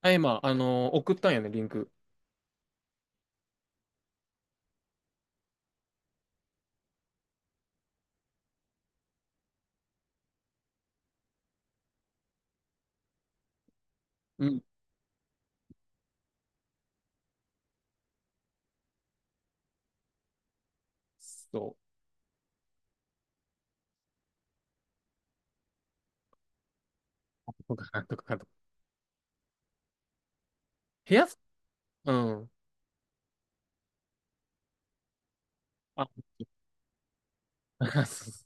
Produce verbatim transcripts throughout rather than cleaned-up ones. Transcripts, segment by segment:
あ、今、あのー送ったんやね、リンク。うん。そう。とか、なとか、なとか。部屋、うん。あ、そうそ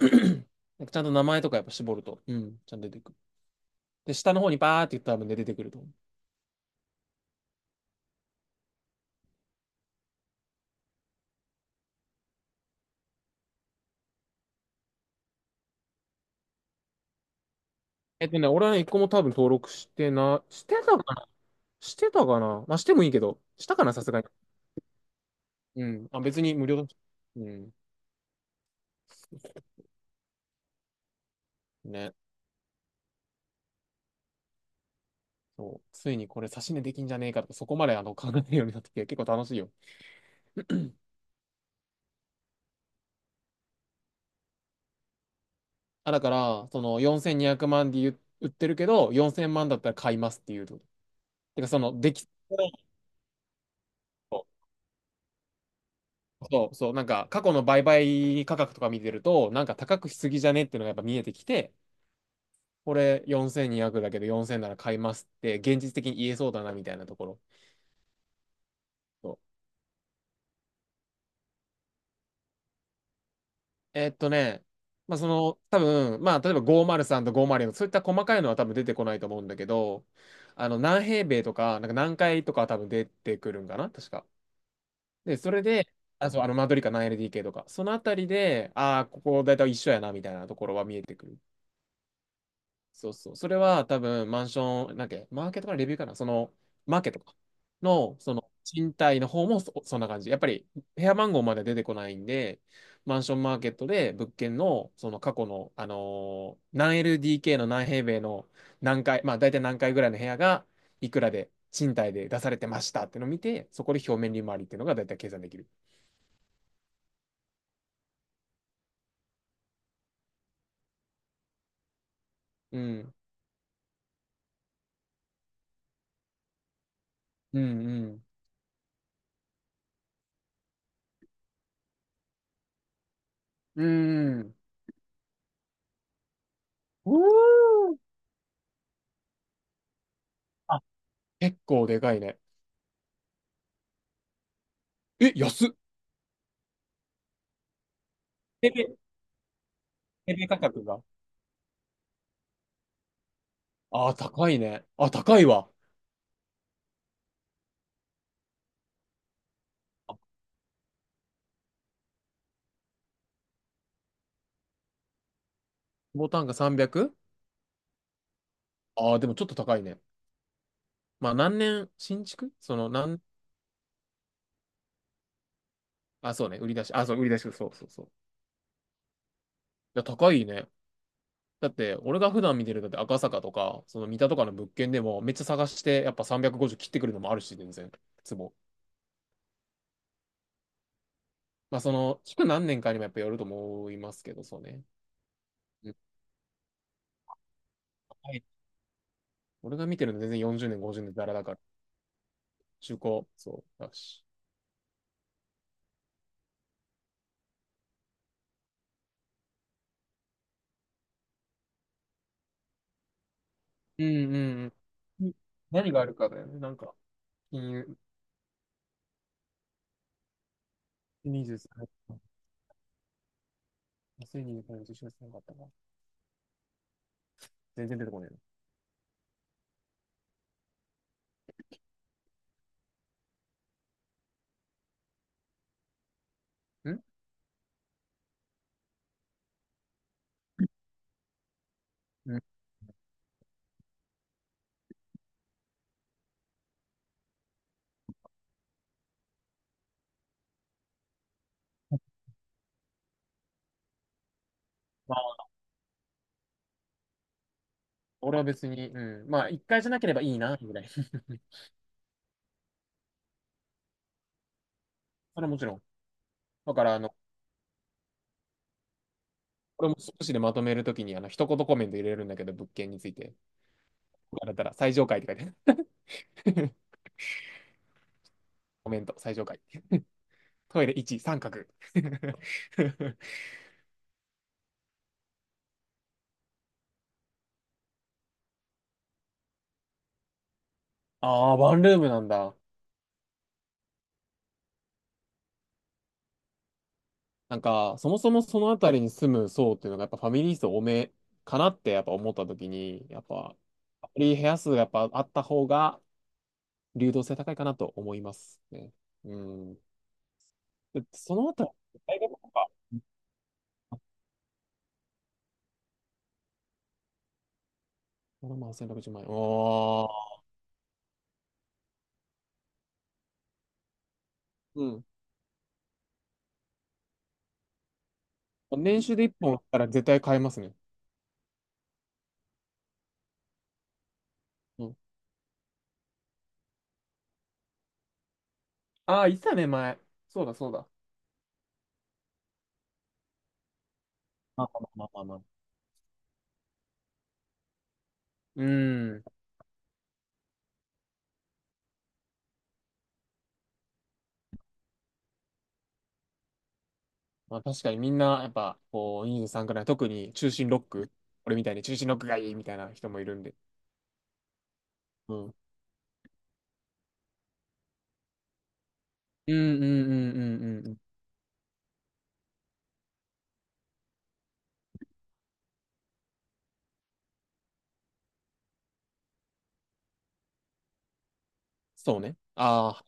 う なんかちゃんと名前とかやっぱ絞ると、うん、ちゃんと出てくる。で、下の方にバーって言ったら多分ね出てくると思う。えっとね、俺はね、一個も多分登録してな、してたかなしてたかなまあ、してもいいけど、したかなさすがに。うん。あ、別に無料だし。うん。ね。そう。ついにこれ差し値できんじゃねえかとか、そこまであの考えるようになってきて、結構楽しいよ。あ、だから、そのよんせんにひゃくまんで言う売ってるけど、よんせんまんだったら買いますっていうと。てか、その、でき、そうそう、なんか過去の売買価格とか見てると、なんか高くしすぎじゃねっていうのがやっぱ見えてきて、これよんせんにひゃくだけどよんせんなら買いますって現実的に言えそうだなみたいなところ。そう、えーっとね、まあその多分、まあ例えばごーまるさんとごーまるよんとごまるよんそういった細かいのは多分出てこないと思うんだけど、あの何平米とか、なんか何回とかは多分出てくるんかな、確か。で、それで、あ、そう、あの、マドリカ何 l d k とか、そのあたりで、ああ、ここ大体一緒やな、みたいなところは見えてくる。そうそう。それは多分、マンション、なんだっけ、マーケットかな、レビューかな、その、マーケットかの、その、賃貸の方もそ、そんな感じ。やっぱり、部屋番号まで出てこないんで、マンションマーケットで物件の、その過去の、あのー何 エルディーケー の何平米の何階、まあ大体何階ぐらいの部屋が、いくらで、賃貸で出されてましたってのを見て、そこで表面利回りっていうのが大体計算できる。うん。うんうん。うーん。うーん。あ、結構でかいね。え、安っ。ペペ、ペペ価格が。ああ、高いね。あ、高いわ。あ、ボタンが さんびゃく? ああー、でもちょっと高いね。まあ、何年、新築その、なん、あ、そうね、売り出し、あ、そう、売り出し、そうそうそう。いや、高いね。だって、俺が普段見てる、だって赤坂とか、その三田とかの物件でも、めっちゃ探して、やっぱさんびゃくごじゅう切ってくるのもあるし、全然、坪。まあ、その、築何年かにもやっぱよると思いますけど、そうね。うん。俺が見てるの全然よんじゅうねん、ごじゅうねんザラだから、中古、そうだし。うんうんうん。何があるかだよね。なんか、金融、にじゅうさん、にせんにじゅうさんねん、じゅういちがつなかったかな。全然出てこないの。んうん。まあ、俺は別に、うん。まあ、一回じゃなければいいな、ぐらい。それはもちろん。だから、あの、これも少しでまとめるときに、あの、一言コメント入れるんだけど、物件について。あれたら、最上階って書いてある。コメント、最上階。トイレいち、三角。ああ、ワンルームなんだ。なんか、そもそもその辺りに住む層っていうのが、やっぱファミリー層多めかなってやっぱ思った時に、やっぱ、ファミリー部屋数がやっぱあった方が、流動性高いかなと思いますね。うん。で、その辺り、大学とか、ななまんせんろっぴゃくまん円。おー。うん。年収でいっぽんあったら絶対買えますね。うん。ああ、いつだね、前。そうだ、そうだ。まあまあまあまあまあ。うん。まあ確かにみんな、やっぱ、こう、にじゅうさんくらい、特に中心ロック、俺みたいに中心ロックがいいみたいな人もいるんで、うん。うんうんうんうんうんうん。そうね。ああ。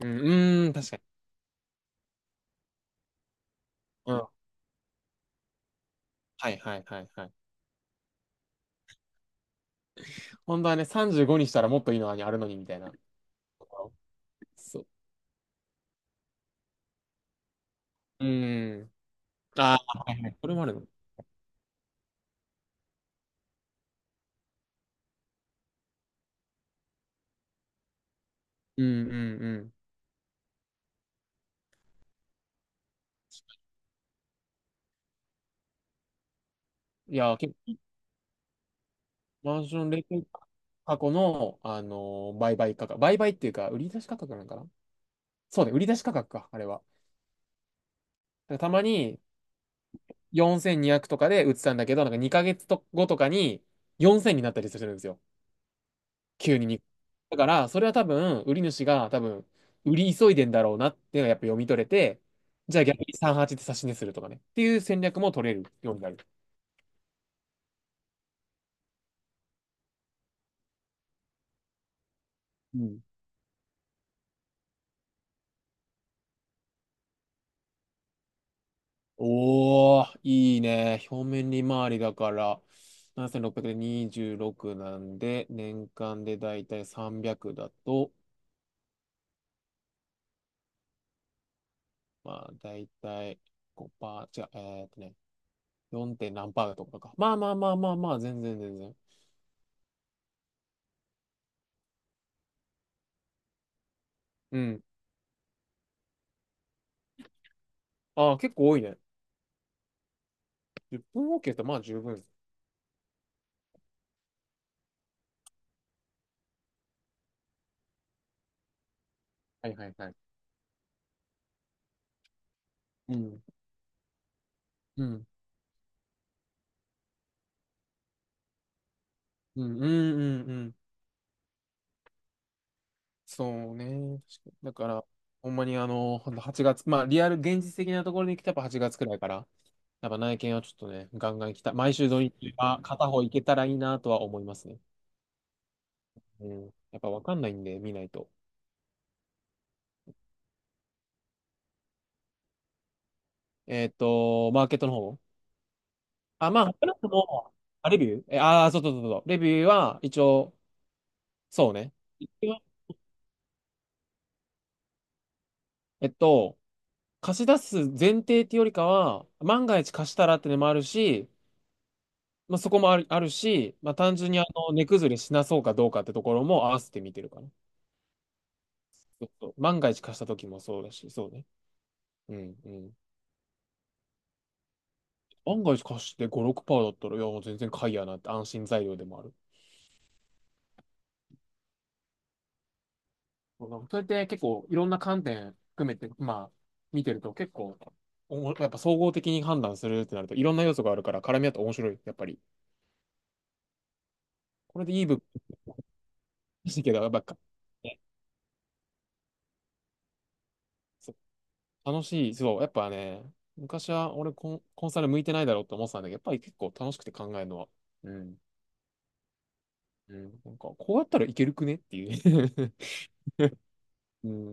うん、うん、確かに。うん。はいはいはいはい。本当はね、さんじゅうごにしたらもっといいのにあるのにみたいな。そう。うん。ああ、はいはい。これもあるの。うんうんうん。いや、けマンションレンタ過去の、あのー売買価格。売買っていうか、売り出し価格なのかな。そうね、売り出し価格か、あれは。なんかたまによんせんにひゃくとかで売ってたんだけど、なんかにかげつと後とかによんせんになったりするんですよ。急にに。だから、それは多分、売り主が多分、売り急いでんだろうなっていうのがやっぱ読み取れて、じゃあ逆にさんじゅうはちで差し値するとかね。っていう戦略も取れるようになる。うん。おー、いいね。表面利回りだから、ななせんろっぴゃくでにじゅうろくなんで、年間でだいたいさんびゃくだと、まあ、だいたいごパー違う、えーっとね、よん. 点何パーだとかか。まあまあまあまあまあ、全然全然。うん。ああ、結構多いね。じゅっぷんケーってまあ十分。はいはいはい。うん。うん。うん。うん。うんうん。そうね。確かにだから、ほんまにあの、ほんと月、まあ、リアル、現実的なところに来たやっぱはちがつくらいから、やっぱ内見はちょっとね、ガンガン来た。毎週土日は片方行けたらいいなとは思いますね。うん。やっぱわかんないんで、見ないと。えっと、マーケットの方。あ、まあ、少なくも、あ、レビューえ、あー、そうそうそうそう。レビューは、一応、そうね。一応、えっと、貸し出す前提っていうよりかは、万が一貸したらってのもあるし、まあ、そこもある、あるし、まあ、単純にあの、値崩れしなそうかどうかってところも合わせて見てるかな。そうそう万が一貸した時もそうだし、そうね。うん、うん。万が一貸してご、ろくパーセントだったら、いや、もう全然買いやなって安心材料でもある。そう、なんかそれって結構いろんな観点含めて、まあ、見てると結構、おもやっぱ総合的に判断するってなると、いろんな要素があるから、絡み合って面白い、やっぱり。これでいい部分だけど、ばっか。ね、楽しい。そう、やっぱね、昔は俺コン、コンサル向いてないだろうって思ってたんだけど、やっぱり結構楽しくて考えるのは。うん。うん。なんか、こうやったらいけるくねっていう。うん。